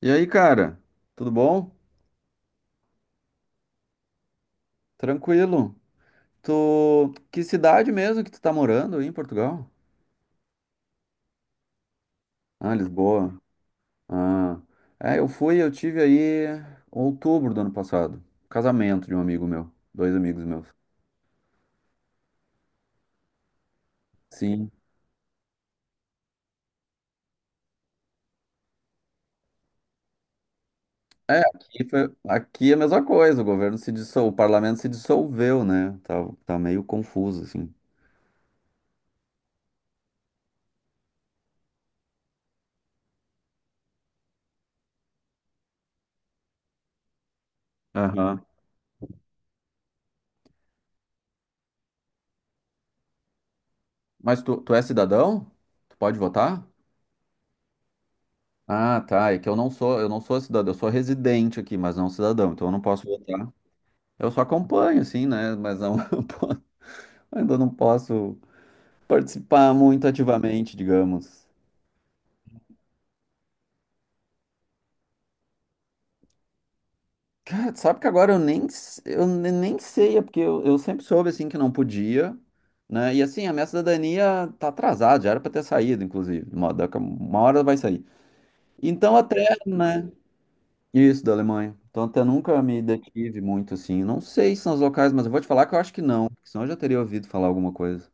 E aí, cara? Tudo bom? Tranquilo? Que cidade mesmo que tu tá morando aí em Portugal? Ah, Lisboa. Ah. É, eu tive aí em outubro do ano passado. Casamento de um amigo meu. Dois amigos meus. Sim. É, aqui é a mesma coisa. O parlamento se dissolveu, né? Tá, tá meio confuso, assim. Aham. Mas tu é cidadão? Tu pode votar? Ah, tá. É que eu não sou cidadão, eu sou residente aqui, mas não cidadão, então eu não posso votar. Eu só acompanho, assim, né? Mas não, ainda não posso participar muito ativamente, digamos. Cara, sabe que agora eu nem, s- eu ne- nem sei, é porque eu sempre soube, assim, que não podia, né? E assim, a minha cidadania tá atrasada, já era pra ter saído, inclusive. Uma, daqui a uma hora vai sair. Então até, né? Isso, da Alemanha. Então, até nunca me detive muito, assim. Não sei se são os locais, mas eu vou te falar que eu acho que não. Porque senão eu já teria ouvido falar alguma coisa.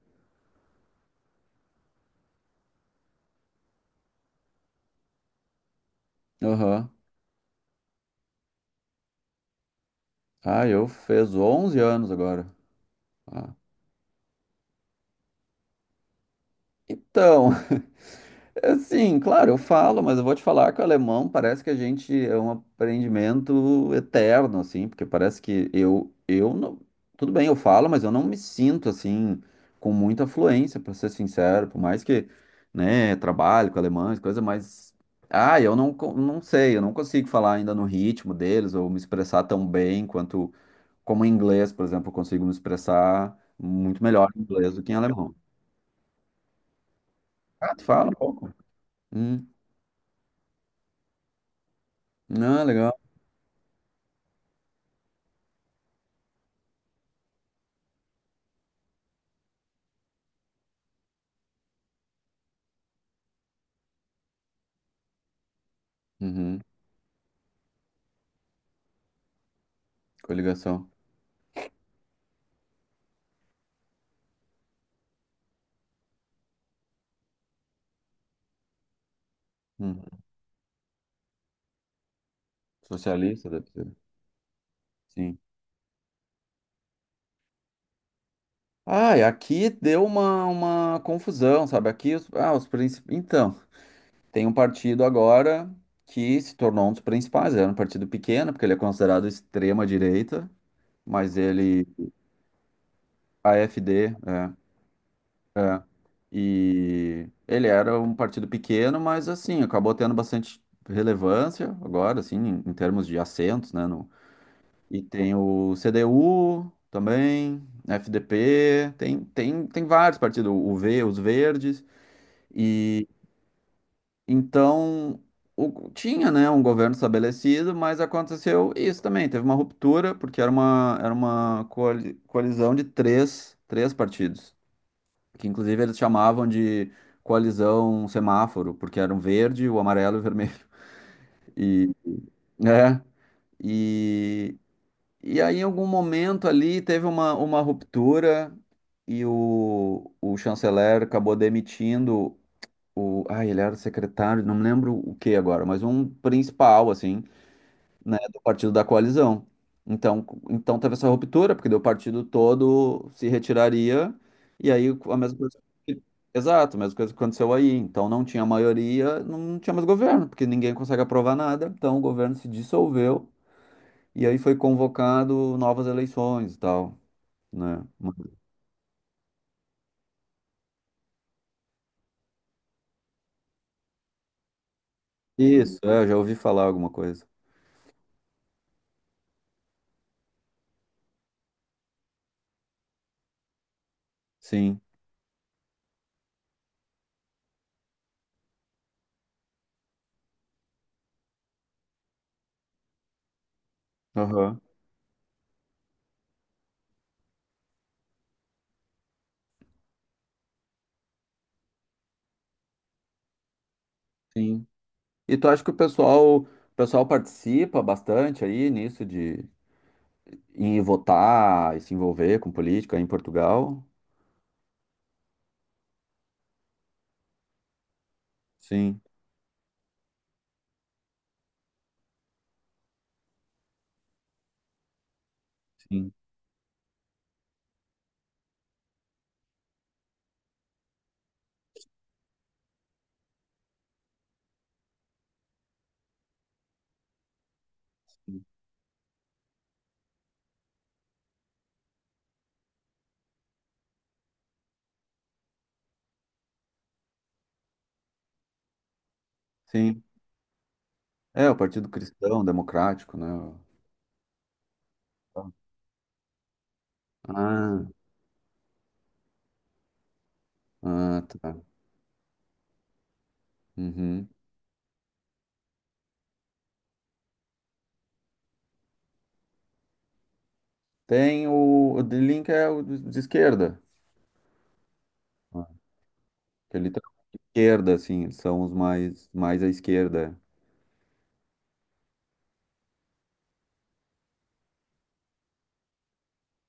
Aham. Ah, eu fez 11 anos agora. Ah. Então, assim, claro, eu falo, mas eu vou te falar que o alemão parece que a gente é um aprendimento eterno, assim, porque parece que eu não, tudo bem, eu falo, mas eu não me sinto, assim, com muita fluência, para ser sincero, por mais que, né, trabalho com alemães, coisa, mas, ah, eu não, co- não sei, eu não consigo falar ainda no ritmo deles, ou me expressar tão bem quanto, como em inglês, por exemplo, eu consigo me expressar muito melhor em inglês do que em alemão. Ah, tu fala um pouco? Hum, não, legal. Uhum. Coligação. Hum. Socialista, deve ser. Sim. Ah, e aqui deu uma confusão, sabe? Aqui os, ah, os princip... Então, tem um partido agora que se tornou um dos principais. Era um partido pequeno, porque ele é considerado extrema-direita, mas ele. AfD, é, é. E ele era um partido pequeno, mas assim, acabou tendo bastante relevância agora, assim, em termos de assentos, né, no. E tem o CDU também, FDP, tem vários partidos, o V, os Verdes. E então tinha, né, um governo estabelecido, mas aconteceu isso também. Teve uma ruptura, porque era uma coalizão de três partidos, que inclusive eles chamavam de coalizão semáforo, porque eram verde, o amarelo e o vermelho. E, é, e aí, em algum momento ali, teve uma ruptura e o chanceler acabou demitindo o. Ah, ele era secretário, não me lembro o que agora, mas um principal, assim, né, do partido da coalizão. Então, então teve essa ruptura, porque daí o partido todo se retiraria, e aí a mesma coisa. que- Exato, a mesma coisa que aconteceu aí. Então não tinha maioria, não tinha mais governo, porque ninguém consegue aprovar nada. Então o governo se dissolveu. E aí foi convocado novas eleições e tal, né? Mas- Isso, é, eu já ouvi falar alguma coisa. Sim. Aham. Sim. E tu acha que o pessoal participa bastante aí nisso de ir votar e se envolver com política em Portugal? Sim, sim, sim. É, o Partido Cristão Democrático, né? Ah, ah, tá. Uhum. Tem o de Link é o de esquerda, ah, que ele esquerda, assim, são os mais, mais à esquerda.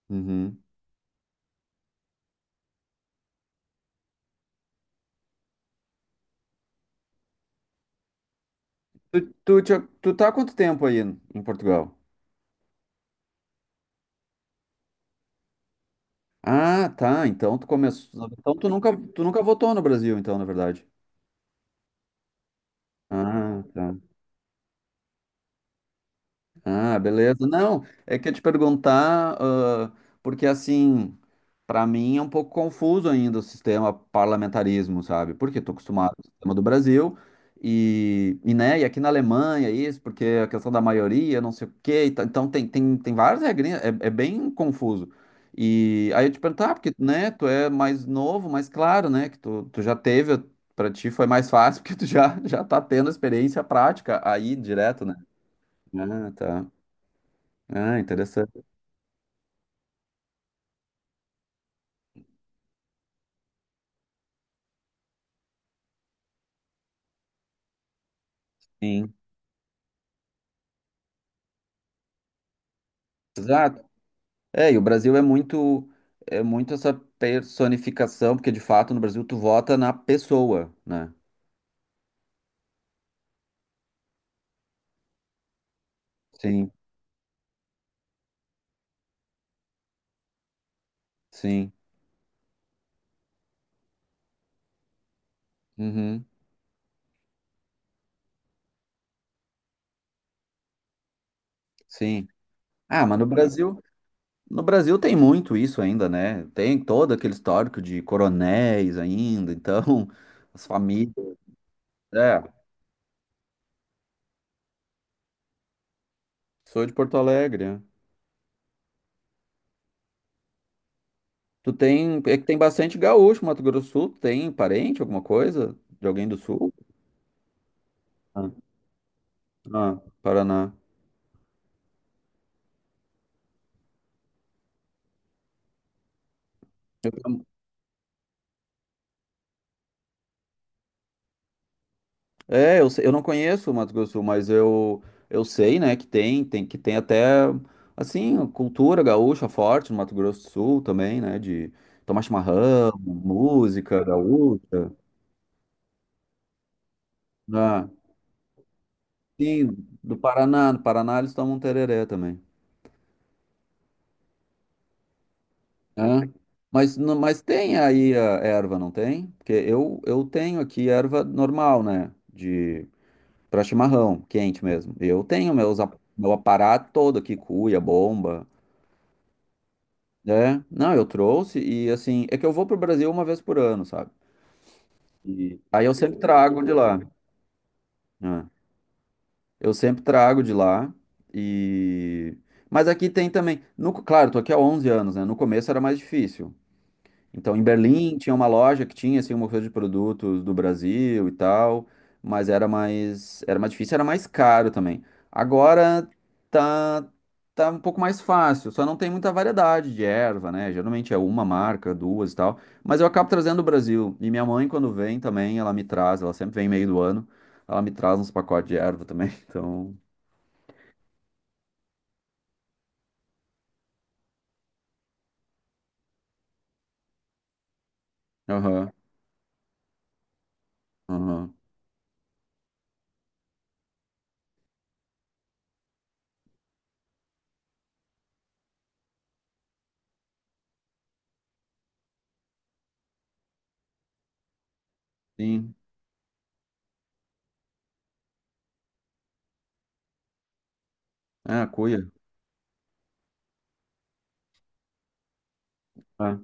Uhum. Tinha- tu tá há quanto tempo aí em Portugal? Ah, tá. Então tu começou. Então tu nunca votou no Brasil, então, na verdade. Ah, tá. Ah, beleza. Não, é que eu te perguntar, ah, porque assim, para mim é um pouco confuso ainda o sistema parlamentarismo, sabe? Porque estou acostumado com o sistema do Brasil e, né, e aqui na Alemanha é isso, porque é a questão da maioria, não sei o quê, e tal. Então tem várias regrinhas, é, é bem confuso. E aí eu te perguntar, ah, porque, né, tu é mais novo, mais claro, né, que tu, tu já teve, para ti foi mais fácil, porque tu já, já tá tendo experiência prática aí direto, né? Ah, tá. Ah, interessante. Sim. Exato. É, e o Brasil é muito essa personificação, porque de fato no Brasil tu vota na pessoa, né? Sim, sim. Uhum, sim. Ah, mas no Brasil, no Brasil tem muito isso ainda, né? Tem todo aquele histórico de coronéis ainda, então as famílias. É, sou de Porto Alegre. Né? É que tem bastante gaúcho, Mato Grosso do Sul, tem parente, alguma coisa? De alguém do sul? Ah, ah, Paraná. É, eu não conheço o Mato Grosso do Sul, mas eu sei, né, que tem, que tem até, assim, cultura gaúcha forte no Mato Grosso do Sul também, né, de tomar chimarrão, música gaúcha, né, sim, do Paraná, no Paraná eles tomam tereré também, né, mas, mas tem aí a erva, não tem? Porque eu tenho aqui erva normal, né, de, pra chimarrão, quente mesmo, eu tenho meus, ap- meu aparato todo aqui, cuia, bomba... É, não, eu trouxe e assim, é que eu vou pro Brasil uma vez por ano, sabe? Aí eu sempre trago de lá, né? Eu sempre trago de lá e... Mas aqui tem também, no, claro, tô aqui há 11 anos, né? No começo era mais difícil, então, em Berlim tinha uma loja que tinha assim uma oferta de produtos do Brasil e tal, mas era mais difícil, era mais caro também. Agora tá tá um pouco mais fácil, só não tem muita variedade de erva, né? Geralmente é uma marca, duas e tal, mas eu acabo trazendo do Brasil. E minha mãe quando vem também, ela me traz, ela sempre vem meio do ano, ela me traz uns pacotes de erva também. Então, aham, aham. Sim. Ah, cuia. Ah,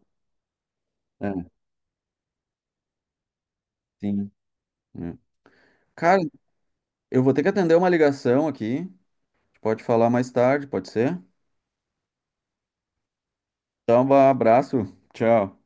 é, sim. É. Cara, eu vou ter que atender uma ligação aqui. Pode falar mais tarde, pode ser? Então, vá, abraço. Tchau.